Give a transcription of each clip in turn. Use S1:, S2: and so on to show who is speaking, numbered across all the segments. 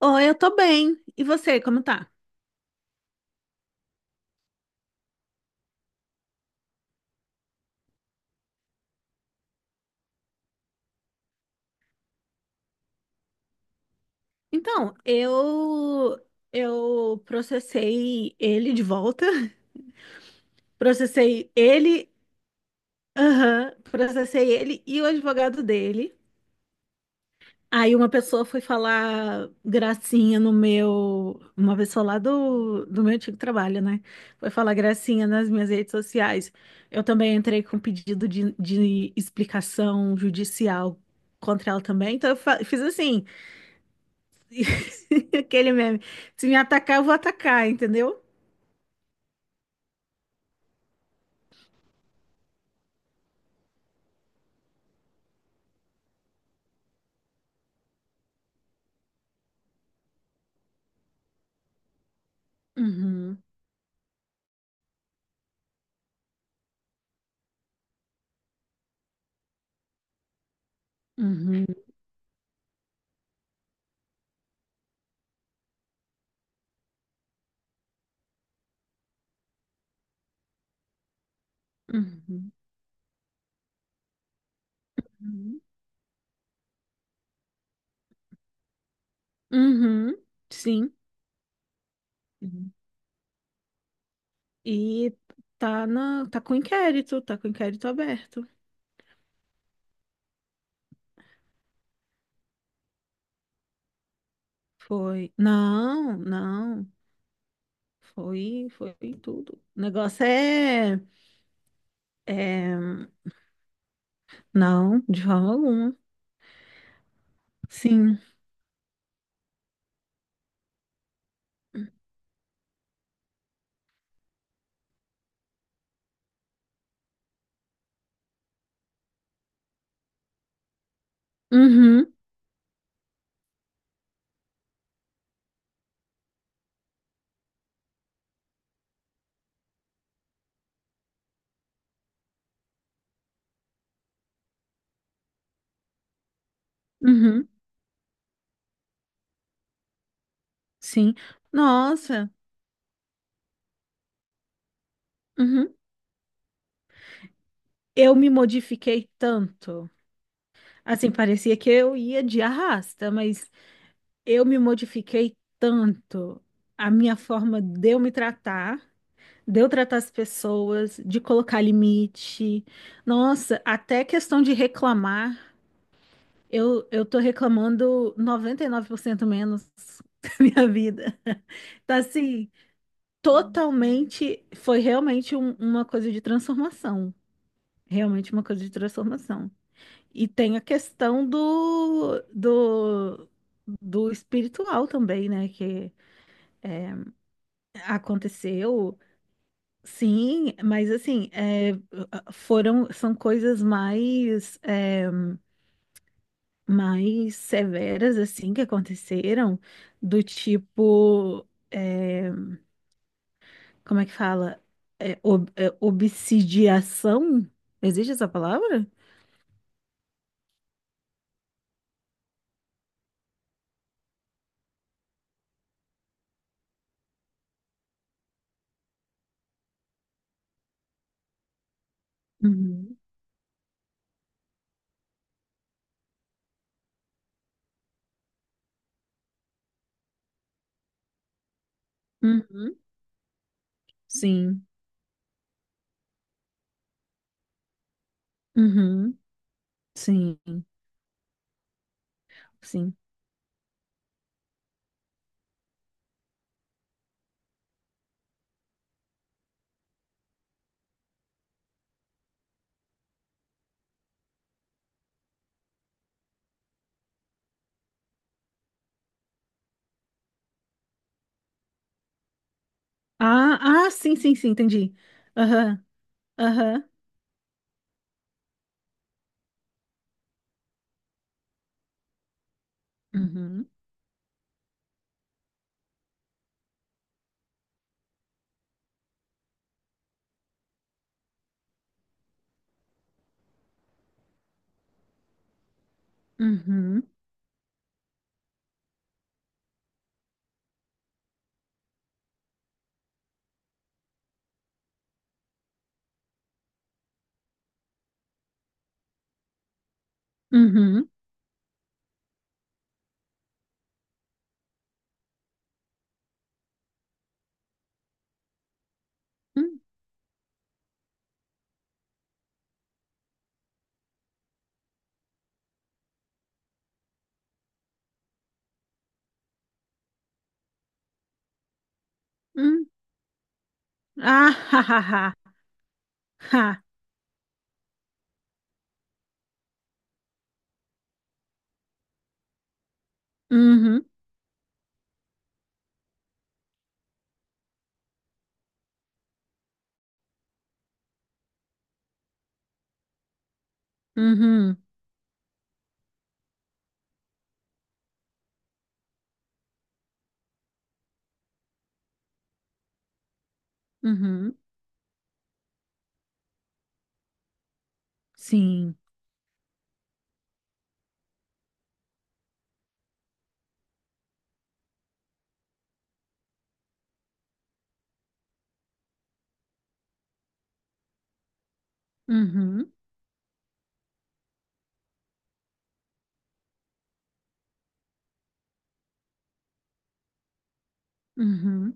S1: Oi, eu tô bem. E você, como tá? Então, eu processei ele de volta. Processei ele, aham, processei ele e o advogado dele. Aí uma pessoa foi falar gracinha no meu, uma pessoa lá do meu antigo trabalho, né? Foi falar gracinha nas minhas redes sociais. Eu também entrei com pedido de explicação judicial contra ela também. Então eu fiz assim, aquele meme. Se me atacar, eu vou atacar, entendeu? Uhum, uhum, uhum, uhum, uhum, sim. Uhum. E tá com inquérito aberto. Foi. Não, não. Foi, foi tudo. O negócio é... Não, de forma alguma. Sim. Uhum, uhum, sim. Nossa, uhum. Eu me modifiquei tanto. Assim, parecia que eu ia de arrasta, mas eu me modifiquei tanto. A minha forma de eu me tratar, de eu tratar as pessoas, de colocar limite. Nossa, até questão de reclamar, eu tô reclamando 99% menos da minha vida. Tá assim, totalmente, foi realmente uma coisa de transformação. Realmente uma coisa de transformação. E tem a questão do espiritual também, né? Que é, aconteceu, sim, mas assim, é, foram, são coisas mais, é, mais severas, assim, que aconteceram, do tipo, é, como é que fala? É, obsidiação? Existe essa palavra? Uhum. Uhum. Sim. Uhum. Sim. Sim. Ah, ah, sim, sim, sim, entendi. Aham, aham. Uhum, uhum, uhum, hum, hum. Ah, ha, ha, ha, ha. Uhum, uhum, uhum. Sim. Uhum, uhum,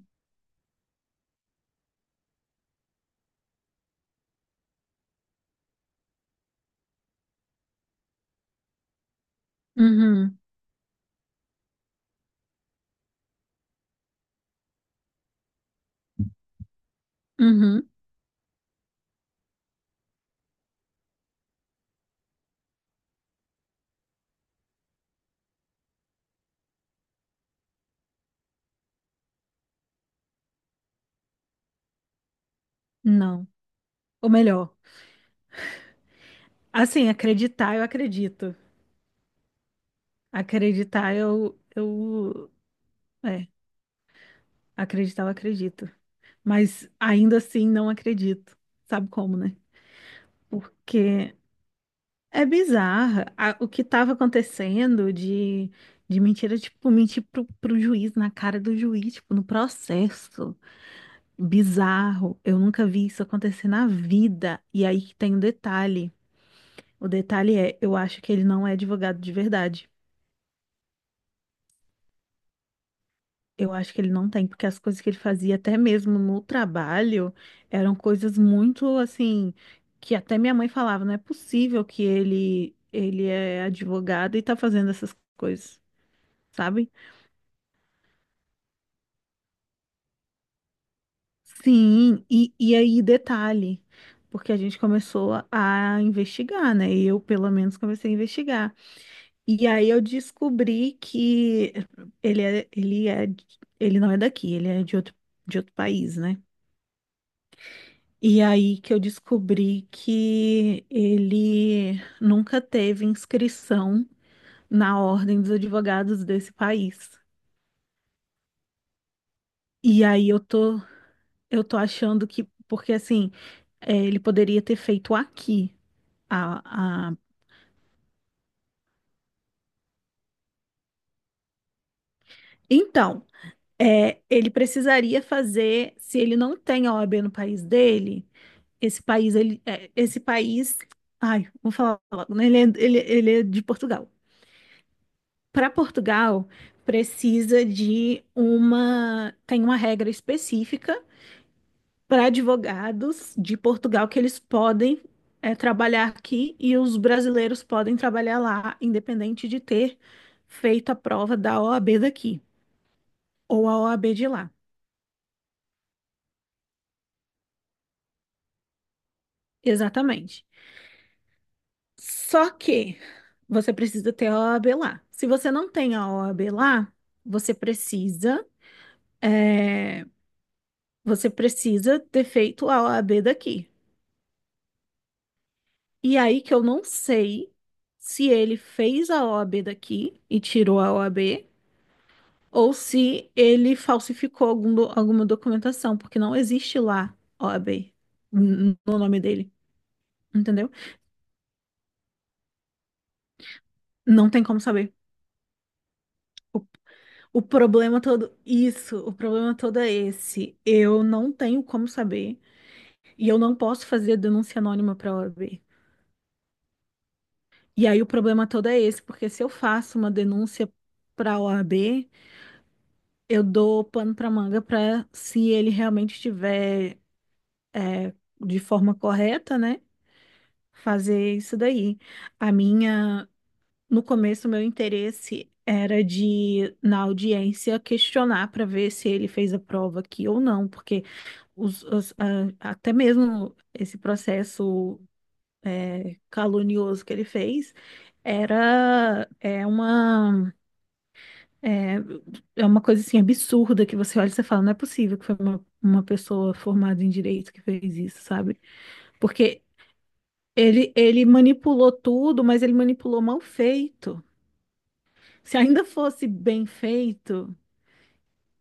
S1: uhum, uhum. Não. Ou melhor, assim, acreditar eu acredito. Acreditar é, acreditar eu acredito. Mas ainda assim não acredito. Sabe como, né? Porque é bizarra. O que estava acontecendo de mentira, tipo, mentir pro juiz, na cara do juiz, tipo, no processo. Bizarro. Eu nunca vi isso acontecer na vida. E aí que tem um detalhe. O detalhe é, eu acho que ele não é advogado de verdade. Eu acho que ele não tem, porque as coisas que ele fazia, até mesmo no trabalho, eram coisas muito assim, que até minha mãe falava, não é possível ele é advogado e tá fazendo essas coisas, sabe? Sim, e aí detalhe, porque a gente começou a investigar, né? Eu, pelo menos, comecei a investigar. E aí eu descobri que ele é, ele não é daqui, ele é de outro país, né? E aí que eu descobri que ele nunca teve inscrição na Ordem dos Advogados desse país. E aí eu tô achando que, porque assim, é, ele poderia ter feito aqui. Ah, ah. Então, é, ele precisaria fazer, se ele não tem a OAB no país dele, esse país, ai, vou falar logo, né? Ele é de Portugal. Para Portugal, precisa de uma, tem uma regra específica para advogados de Portugal que eles podem é, trabalhar aqui e os brasileiros podem trabalhar lá, independente de ter feito a prova da OAB daqui ou a OAB de lá. Exatamente. Só que você precisa ter a OAB lá. Se você não tem a OAB lá, você precisa, é, você precisa ter feito a OAB daqui. E aí que eu não sei se ele fez a OAB daqui e tirou a OAB, ou se ele falsificou alguma documentação, porque não existe lá OAB no nome dele, entendeu? Não tem como saber. O problema todo, isso, o problema todo é esse. Eu não tenho como saber e eu não posso fazer denúncia anônima para a OAB. E aí o problema todo é esse, porque se eu faço uma denúncia para a OAB, eu dou pano para manga para se ele realmente estiver é, de forma correta, né, fazer isso daí. A minha, no começo, o meu interesse era de, na audiência, questionar para ver se ele fez a prova aqui ou não, porque até mesmo esse processo é, calunioso que ele fez era é uma é, é uma coisa assim absurda que você olha e você fala, não é possível que foi uma pessoa formada em direito que fez isso, sabe? Porque ele manipulou tudo, mas ele manipulou mal feito. Se ainda fosse bem feito,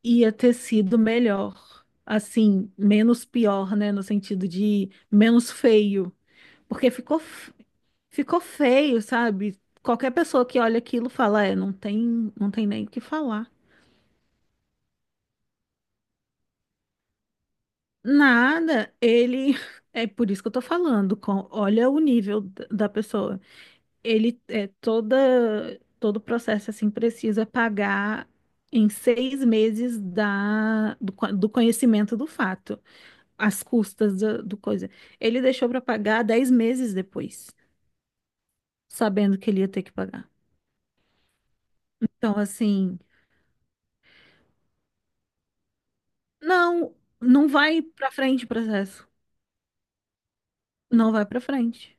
S1: ia ter sido melhor. Assim, menos pior, né? No sentido de menos feio. Porque ficou. Ficou feio, sabe? Qualquer pessoa que olha aquilo fala, é, não tem, não tem nem o que falar. Nada, ele. É por isso que eu tô falando. Olha o nível da pessoa. Ele é toda, todo o processo assim precisa pagar em 6 meses do conhecimento do fato, as custas do coisa. Ele deixou para pagar 10 meses depois, sabendo que ele ia ter que pagar. Então, assim. Não, não vai pra frente o processo. Não vai pra frente.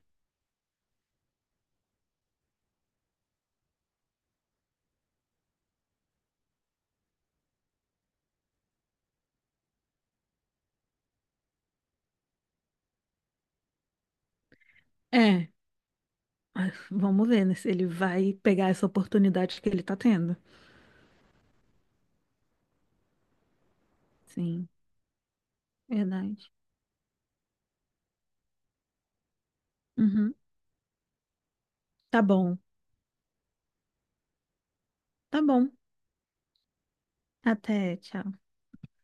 S1: É, mas vamos ver, né, se ele vai pegar essa oportunidade que ele tá tendo. Sim, verdade. Uhum. Tá bom, tá bom. Até, tchau.